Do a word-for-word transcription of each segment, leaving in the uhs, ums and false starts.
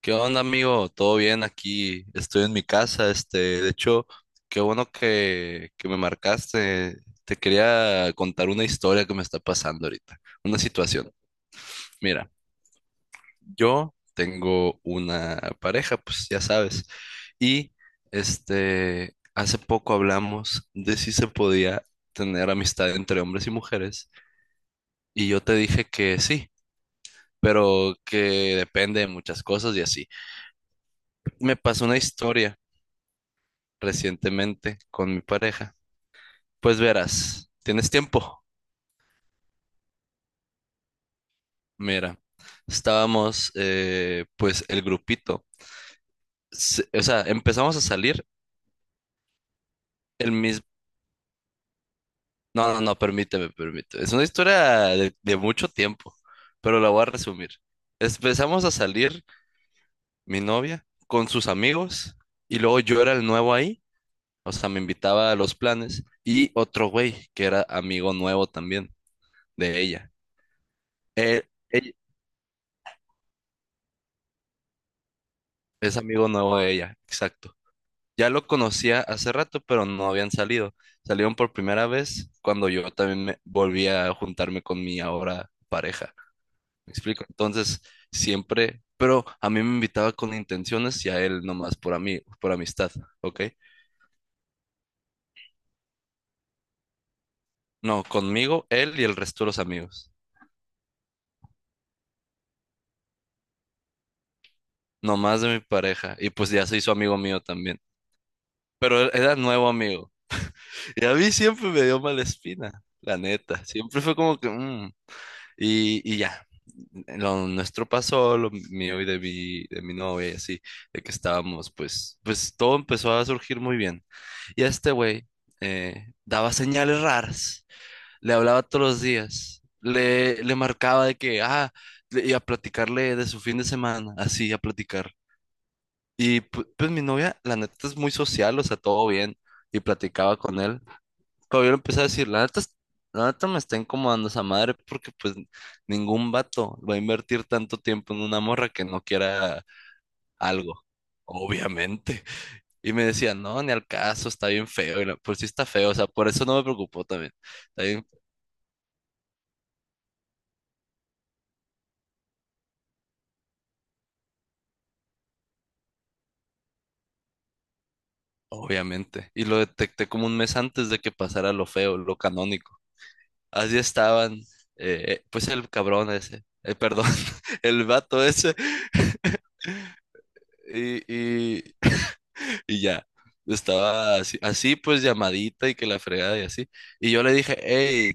¿Qué onda, amigo? ¿Todo bien aquí? Estoy en mi casa, este, de hecho, qué bueno que, que me marcaste. Te quería contar una historia que me está pasando ahorita, una situación. Mira, yo tengo una pareja, pues ya sabes, y este, hace poco hablamos de si se podía tener amistad entre hombres y mujeres, y yo te dije que sí, pero que depende de muchas cosas y así. Me pasó una historia recientemente con mi pareja. Pues verás, ¿tienes tiempo? Mira, estábamos, eh, pues el grupito, se- o sea, empezamos a salir el mismo... No, no, no, permíteme, permíteme. Es una historia de, de mucho tiempo, pero la voy a resumir. Empezamos a salir mi novia con sus amigos y luego yo era el nuevo ahí, o sea, me invitaba a los planes y otro güey que era amigo nuevo también de ella. Eh, eh, Es amigo nuevo de ella, exacto. Ya lo conocía hace rato, pero no habían salido. Salieron por primera vez cuando yo también me volví a juntarme con mi ahora pareja. ¿Me explico? Entonces, siempre, pero a mí me invitaba con intenciones y a él nomás por mí, por amistad, ¿ok? No, conmigo, él y el resto de los amigos. Nomás de mi pareja. Y pues ya se hizo amigo mío también. Pero él era nuevo amigo. Y a mí siempre me dio mala espina, la neta. Siempre fue como que... mm, Y, y ya, lo nuestro pasó, lo mío y de mi, de mi novia y así, de que estábamos, pues, pues todo empezó a surgir muy bien. Y este güey eh, daba señales raras, le hablaba todos los días, le, le marcaba de que, ah, le- y a platicarle de su fin de semana, así, a platicar. Y pu- pues, mi novia, la neta, es muy social, o sea, todo bien, y platicaba con él. Caballero empezó a decir, la neta, es- la neta me está incomodando esa madre porque pues ningún vato va a invertir tanto tiempo en una morra que no quiera algo, obviamente. Y me decía, no, ni al caso, está bien feo. Y la- pues sí está feo, o sea, por eso no me preocupó también. Está bien, obviamente. Y lo detecté como un mes antes de que pasara lo feo, lo canónico. Así estaban, eh, pues el cabrón ese, eh, perdón, el vato ese. Y, Y ya, estaba así, así, pues llamadita y que la fregada y así. Y yo le dije, hey,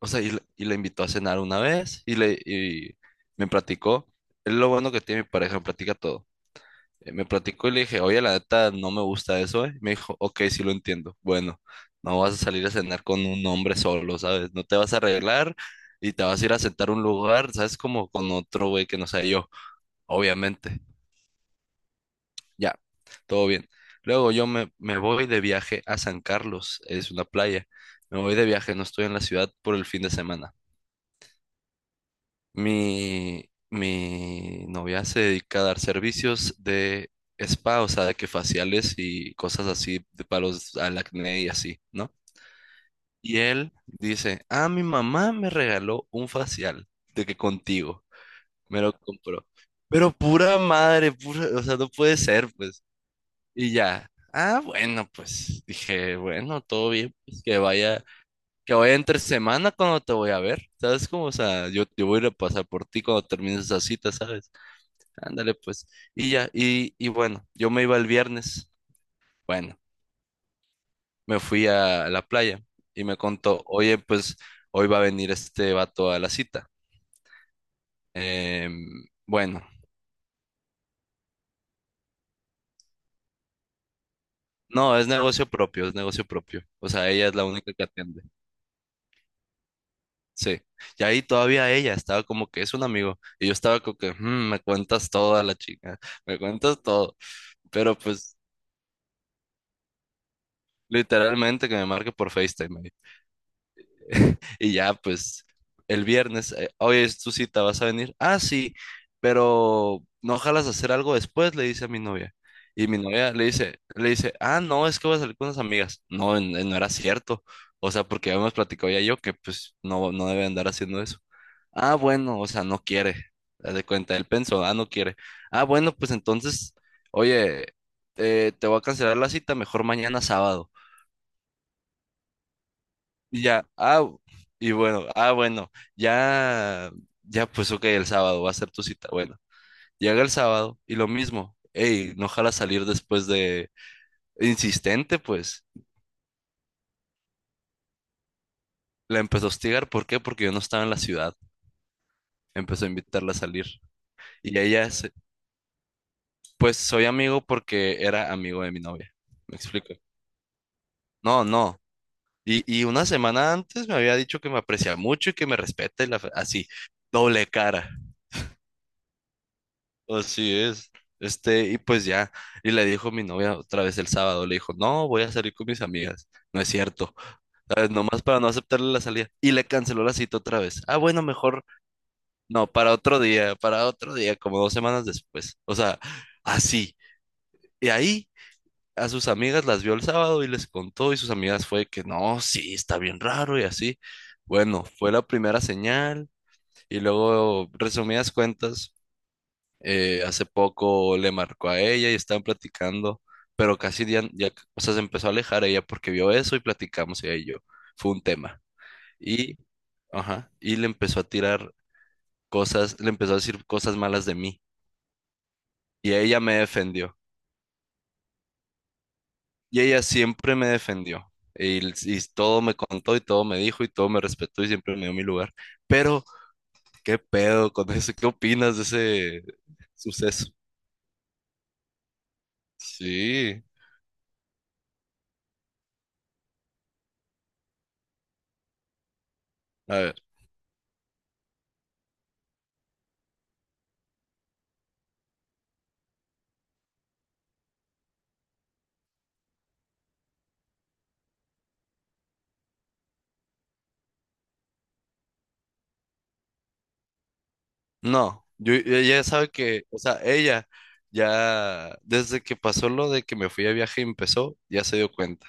o sea, y, le- y la invitó a cenar una vez y, le, y me platicó. Es lo bueno que tiene mi pareja, me platica todo. Eh, Me platicó y le dije, oye, la neta, no me gusta eso, ¿eh? Me dijo, ok, sí lo entiendo. Bueno, no vas a salir a cenar con un hombre solo, ¿sabes? No te vas a arreglar y te vas a ir a sentar a un lugar, ¿sabes? Como con otro güey que no sea yo, obviamente. Ya, todo bien. Luego yo me, me voy de viaje a San Carlos, es una playa. Me voy de viaje, no estoy en la ciudad por el fin de semana. Mi, mi novia se dedica a dar servicios de spa, o sea, de que faciales y cosas así, de palos al acné y así, ¿no? Y él dice, ah, mi mamá me regaló un facial, de que contigo, me lo compró. Pero pura madre, pura, o sea, no puede ser, pues. Y ya. Ah, bueno, pues dije, bueno, todo bien, pues que vaya, que vaya entre semana cuando te voy a ver, ¿sabes cómo? O sea, yo, yo voy a ir a pasar por ti cuando termines esa cita, ¿sabes? Ándale, pues. Y ya, y, y bueno, yo me iba el viernes, bueno, me fui a la playa y me contó, oye, pues hoy va a venir este vato a la cita. Em, bueno, no, es negocio propio, es negocio propio. O sea, ella es la única que atiende. Sí, y ahí todavía ella estaba como que es un amigo, y yo estaba como que, "Mm, me cuentas toda la chica, me cuentas todo, pero pues literalmente que me marque por FaceTime". Y ya, pues, el viernes, eh, oye, es tu cita, ¿vas a venir? Ah, sí, pero no ojalas hacer algo después, le dice a mi novia. Y mi novia le dice, le dice, ah, no, es que voy a salir con unas amigas. No, en- en- no era cierto. O sea, porque habíamos platicado ya yo que pues no, no debe andar haciendo eso. Ah, bueno, o sea, no quiere. Haz de cuenta, él pensó, ah, no quiere. Ah, bueno, pues entonces, oye, eh, te voy a cancelar la cita, mejor mañana sábado. Y ya, ah, y bueno, ah, bueno, ya, ya, pues ok, el sábado va a ser tu cita. Bueno, llega el sábado y lo mismo, ey, no jala salir después de insistente, pues. La empezó a hostigar, ¿por qué? Porque yo no estaba en la ciudad. Empezó a invitarla a salir. Y ella, se- pues soy amigo porque era amigo de mi novia. ¿Me explico? No, no. Y, y una semana antes me había dicho que me aprecia mucho y que me respeta y la, fe- así, doble cara. Así es. Este, y pues ya, y le dijo mi novia otra vez el sábado, le dijo, no, voy a salir con mis amigas, no es cierto, ¿sabes? Nomás para no aceptarle la salida, y le canceló la cita otra vez, ah, bueno, mejor, no, para otro día, para otro día, como dos semanas después, o sea, así, y ahí a sus amigas las vio el sábado y les contó, y sus amigas fue que, no, sí, está bien raro y así, bueno, fue la primera señal, y luego, resumidas cuentas, eh, hace poco le marcó a ella y estaban platicando, pero casi ya, ya, o sea, se empezó a alejar ella porque vio eso y platicamos ella y yo. Fue un tema. Y, ajá, y le empezó a tirar cosas, le empezó a decir cosas malas de mí. Y ella me defendió. Y ella siempre me defendió. Y, l- y todo me contó y todo me dijo y todo me respetó y siempre me dio mi lugar. Pero, ¿qué pedo con eso? ¿Qué opinas de ese suceso? Sí. A ver. No, yo, ella sabe que, o sea, ella ya desde que pasó lo de que me fui a viaje y empezó, ya se dio cuenta.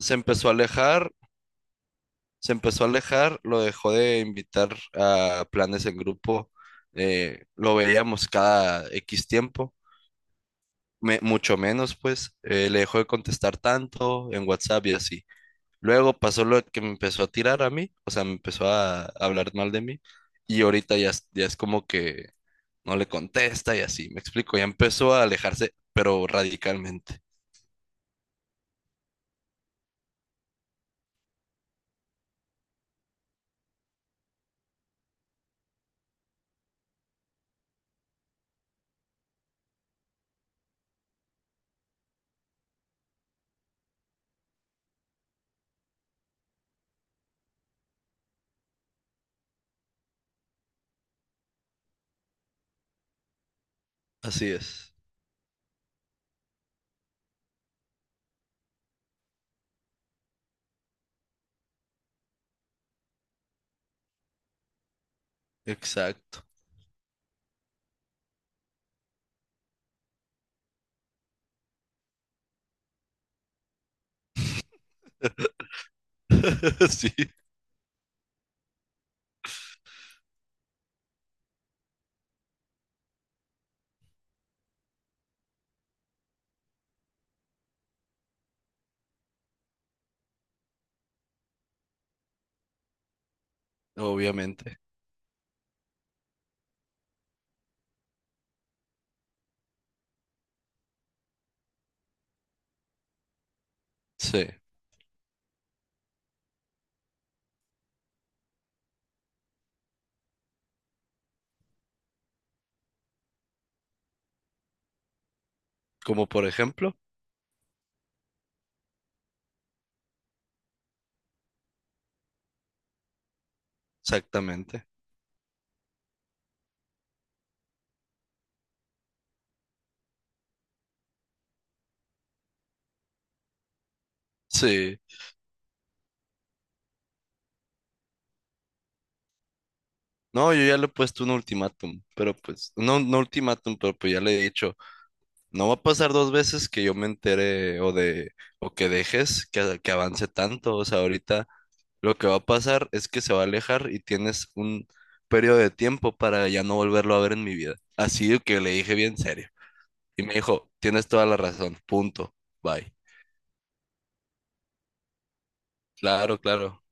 Se empezó a alejar, se empezó a alejar, lo dejó de invitar a planes en grupo, eh, lo veíamos cada X tiempo, me- mucho menos pues, eh, le dejó de contestar tanto en WhatsApp y así. Luego pasó lo de que me empezó a tirar a mí, o sea, me empezó a hablar mal de mí y ahorita ya, es- ya es como que no le contesta y así, me explico, ya empezó a alejarse, pero radicalmente. Así es, exacto. Sí, obviamente. Sí, como por ejemplo, exactamente. Sí. No, yo ya le he puesto un ultimátum, pero pues, no, no ultimátum, pero pues ya le he dicho, no va a pasar dos veces que yo me entere o de, o que dejes que, que avance tanto, o sea, ahorita lo que va a pasar es que se va a alejar y tienes un periodo de tiempo para ya no volverlo a ver en mi vida. Así de que le dije bien serio. Y me dijo, tienes toda la razón, punto, bye. Claro, claro.